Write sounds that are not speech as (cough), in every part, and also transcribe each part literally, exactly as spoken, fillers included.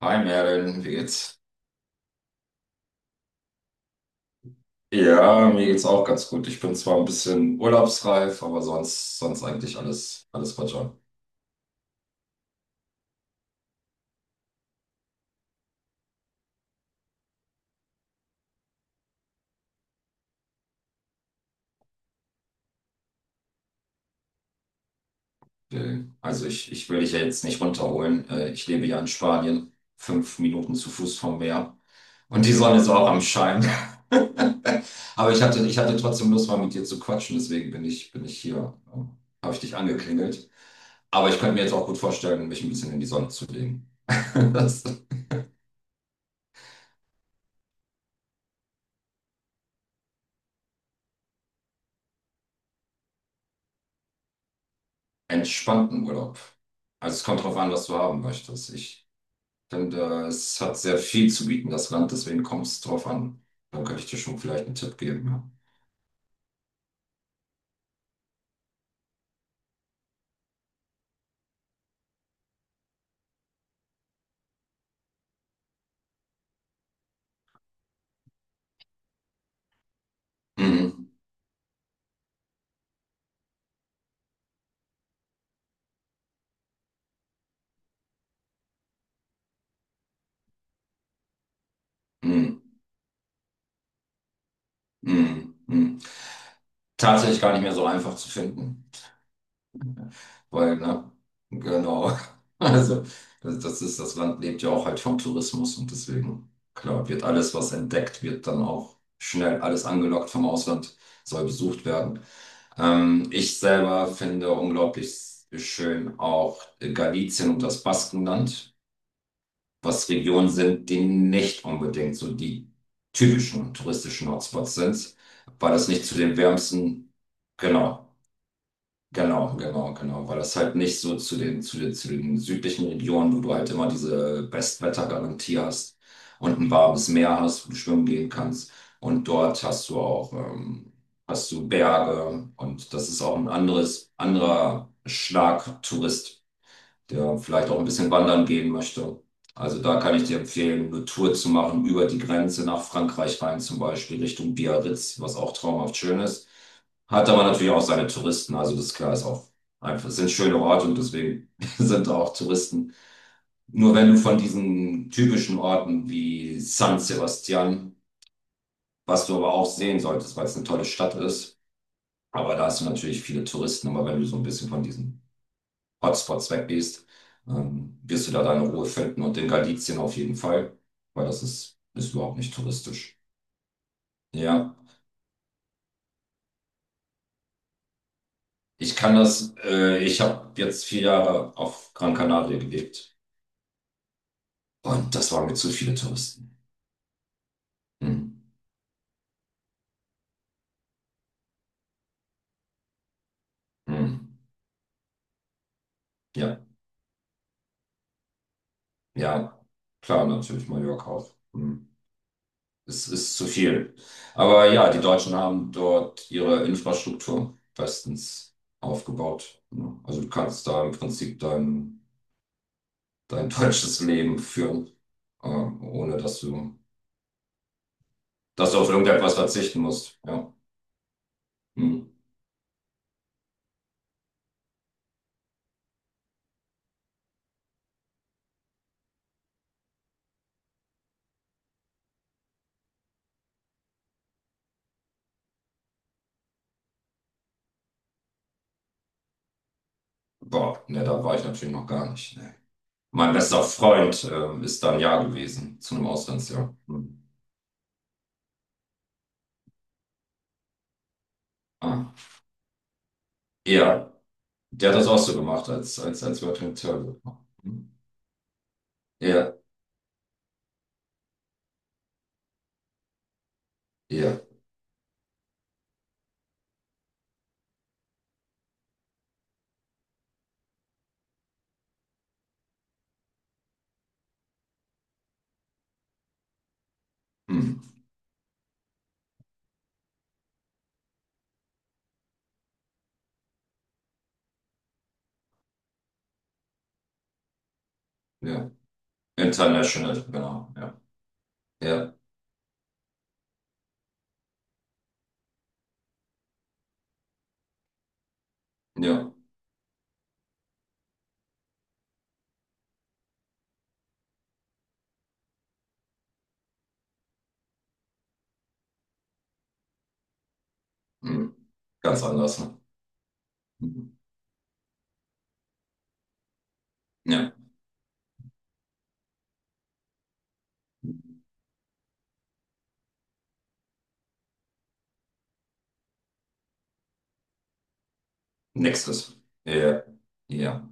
Hi Merlin, wie geht's? Ja, mir geht's auch ganz gut. Ich bin zwar ein bisschen urlaubsreif, aber sonst, sonst eigentlich alles, alles Roger. Äh, Also ich, ich will dich ja jetzt nicht runterholen. Äh, Ich lebe ja in Spanien, fünf Minuten zu Fuß vom Meer. Und die Sonne ist auch am Schein. (laughs) Aber ich hatte, ich hatte trotzdem Lust, mal mit dir zu quatschen, deswegen bin ich, bin ich hier. ähm, Habe ich dich angeklingelt. Aber ich könnte mir jetzt auch gut vorstellen, mich ein bisschen in die Sonne zu legen. (laughs) Das entspannten Urlaub. Also es kommt drauf an, was du haben möchtest. Ich finde, es hat sehr viel zu bieten, das Land, deswegen kommt es drauf an. Dann könnte ich dir schon vielleicht einen Tipp geben. Ja. Mhm. Mhm. Mhm. Mhm. Tatsächlich gar nicht mehr so einfach zu finden, weil, ne, genau. (laughs) Also das das ist, das Land lebt ja auch halt vom Tourismus und deswegen, klar, wird alles, was entdeckt, wird dann auch schnell alles angelockt vom Ausland, soll besucht werden. Ähm, ich selber finde unglaublich schön auch Galizien und das Baskenland, was Regionen sind, die nicht unbedingt so die typischen touristischen Hotspots sind, weil das nicht zu den wärmsten, genau, Genau, genau, genau, weil das halt nicht so zu den, zu den, zu den südlichen Regionen, wo du halt immer diese Bestwettergarantie hast und ein warmes Meer hast, wo du schwimmen gehen kannst. Und dort hast du auch, ähm, hast du Berge und das ist auch ein anderes, anderer Schlag Tourist, der vielleicht auch ein bisschen wandern gehen möchte. Also da kann ich dir empfehlen, eine Tour zu machen über die Grenze nach Frankreich rein, zum Beispiel Richtung Biarritz, was auch traumhaft schön ist. Hat aber natürlich auch seine Touristen, also das ist klar, ist auch einfach, sind schöne Orte und deswegen (laughs) sind da auch Touristen. Nur wenn du von diesen typischen Orten wie San Sebastian, was du aber auch sehen solltest, weil es eine tolle Stadt ist, aber da hast du natürlich viele Touristen, aber wenn du so ein bisschen von diesen Hotspots weggehst, ähm, wirst du da deine Ruhe finden und in Galizien auf jeden Fall, weil das ist, ist überhaupt nicht touristisch. Ja, ich kann das, äh, ich habe jetzt vier Jahre auf Gran Canaria gelebt und das waren mir zu viele Touristen. Hm. Hm. Ja, ja, klar, natürlich Mallorca auch. Hm. Es ist zu viel. Aber ja, die Deutschen haben dort ihre Infrastruktur bestens aufgebaut, ne? Also du kannst da im Prinzip dein dein falsches Leben führen, äh, ohne dass du, dass du auf irgendetwas verzichten musst. Ja. Hm. Boah, ne, da war ich natürlich noch gar nicht. Ne. Mein bester Freund äh, ist da ein Jahr gewesen, zu einem Auslandsjahr. Hm. Ah. Ja, der hat das auch so gemacht, als, als, als wir den Turbo. Hm. Ja, ja, hm. Ja. International, genau. Ja, ja, ja. Hm. Ganz anders. Ne? Hm. Ja, nächstes. Ja, ja.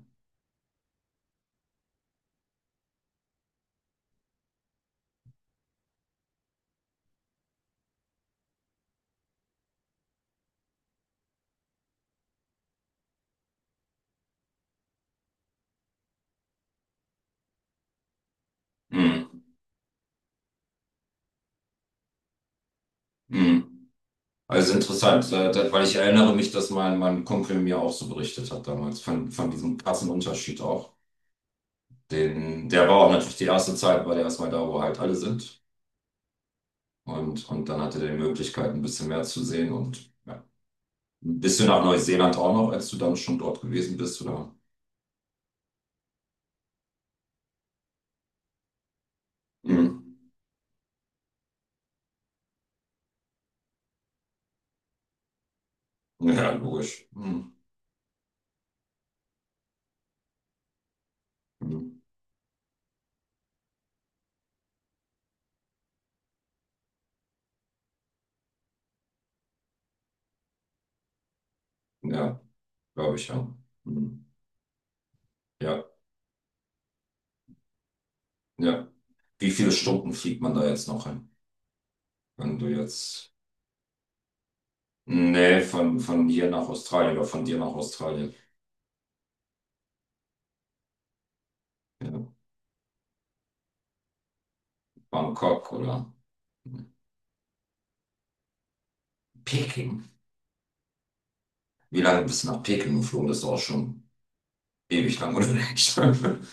Hm. Hm. Also interessant, äh, da- weil ich erinnere mich, dass mein, mein Kumpel mir auch so berichtet hat damals, von, von diesem krassen Unterschied auch. Den, der war auch natürlich die erste Zeit, weil er erstmal da, wo halt alle sind. Und, und dann hatte er die Möglichkeit, ein bisschen mehr zu sehen und ja. Ein bisschen nach Neuseeland auch noch, als du dann schon dort gewesen bist, oder? Mhm. Ja, logisch. Mhm. Mhm. Ja, glaube ich, ja. Mhm. Ja, ja. Wie viele Stunden fliegt man da jetzt noch hin, wenn du jetzt. Nee, von, von hier nach Australien oder von dir nach Australien. Ja. Bangkok oder Peking. Wie lange bist du nach Peking geflogen? Das ist auch schon ewig lang unterwegs. (laughs)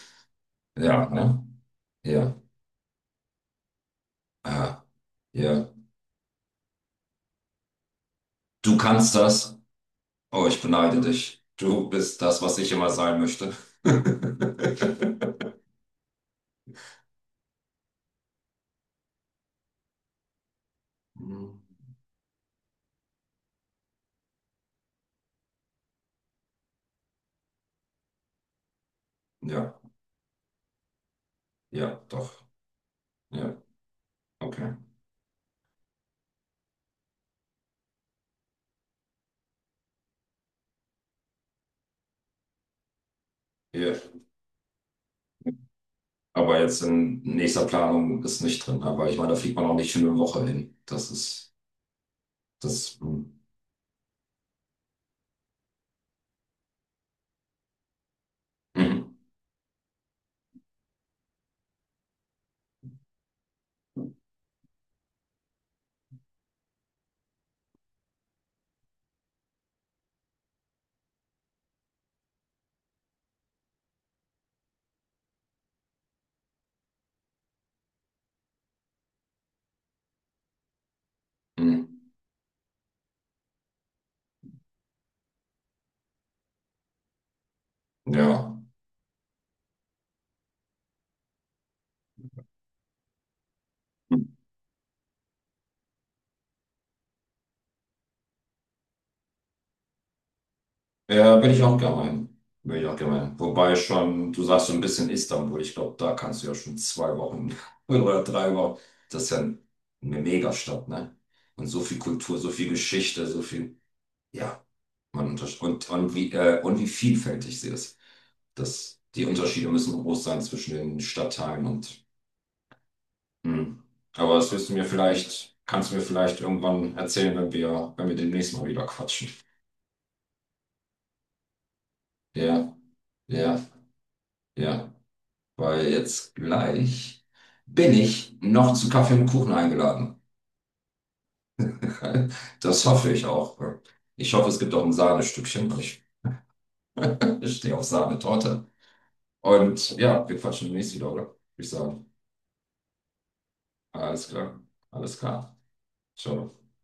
Ja, ne? Ja. Ah, ja. Du kannst das. Oh, ich beneide dich. Du bist das, was ich immer sein möchte. (laughs) Hm. Ja, ja, doch. Ja, okay. Ja. Aber jetzt in nächster Planung ist nicht drin. Aber ich meine, da fliegt man auch nicht für eine Woche hin. Das ist, das, hm. Mhm. Hm. Ja. Ja, bin ich auch gemein. Bin ich auch gemein. Wobei schon, du sagst so ein bisschen Istanbul. Ich glaube, da kannst du ja schon zwei Wochen (laughs) oder drei Wochen. Das ist ja eine Megastadt, ne? Und so viel Kultur, so viel Geschichte, so viel. Ja, man untersch und, und wie, äh, und wie vielfältig sie ist. Das, die Unterschiede müssen groß sein zwischen den Stadtteilen und. Hm. Aber das wirst du mir vielleicht, kannst du mir vielleicht irgendwann erzählen, wenn wir, wenn wir demnächst mal wieder quatschen. Ja, ja, ja. Weil jetzt gleich bin ich noch zu Kaffee und Kuchen eingeladen. (laughs) Das hoffe ich auch. Ich hoffe, es gibt auch ein Sahnestückchen, weil ich, (laughs) ich stehe auf Sahnetorte. Und ja, wir quatschen demnächst wieder, oder? Würde ich sagen. Alles klar. Alles klar. Ciao.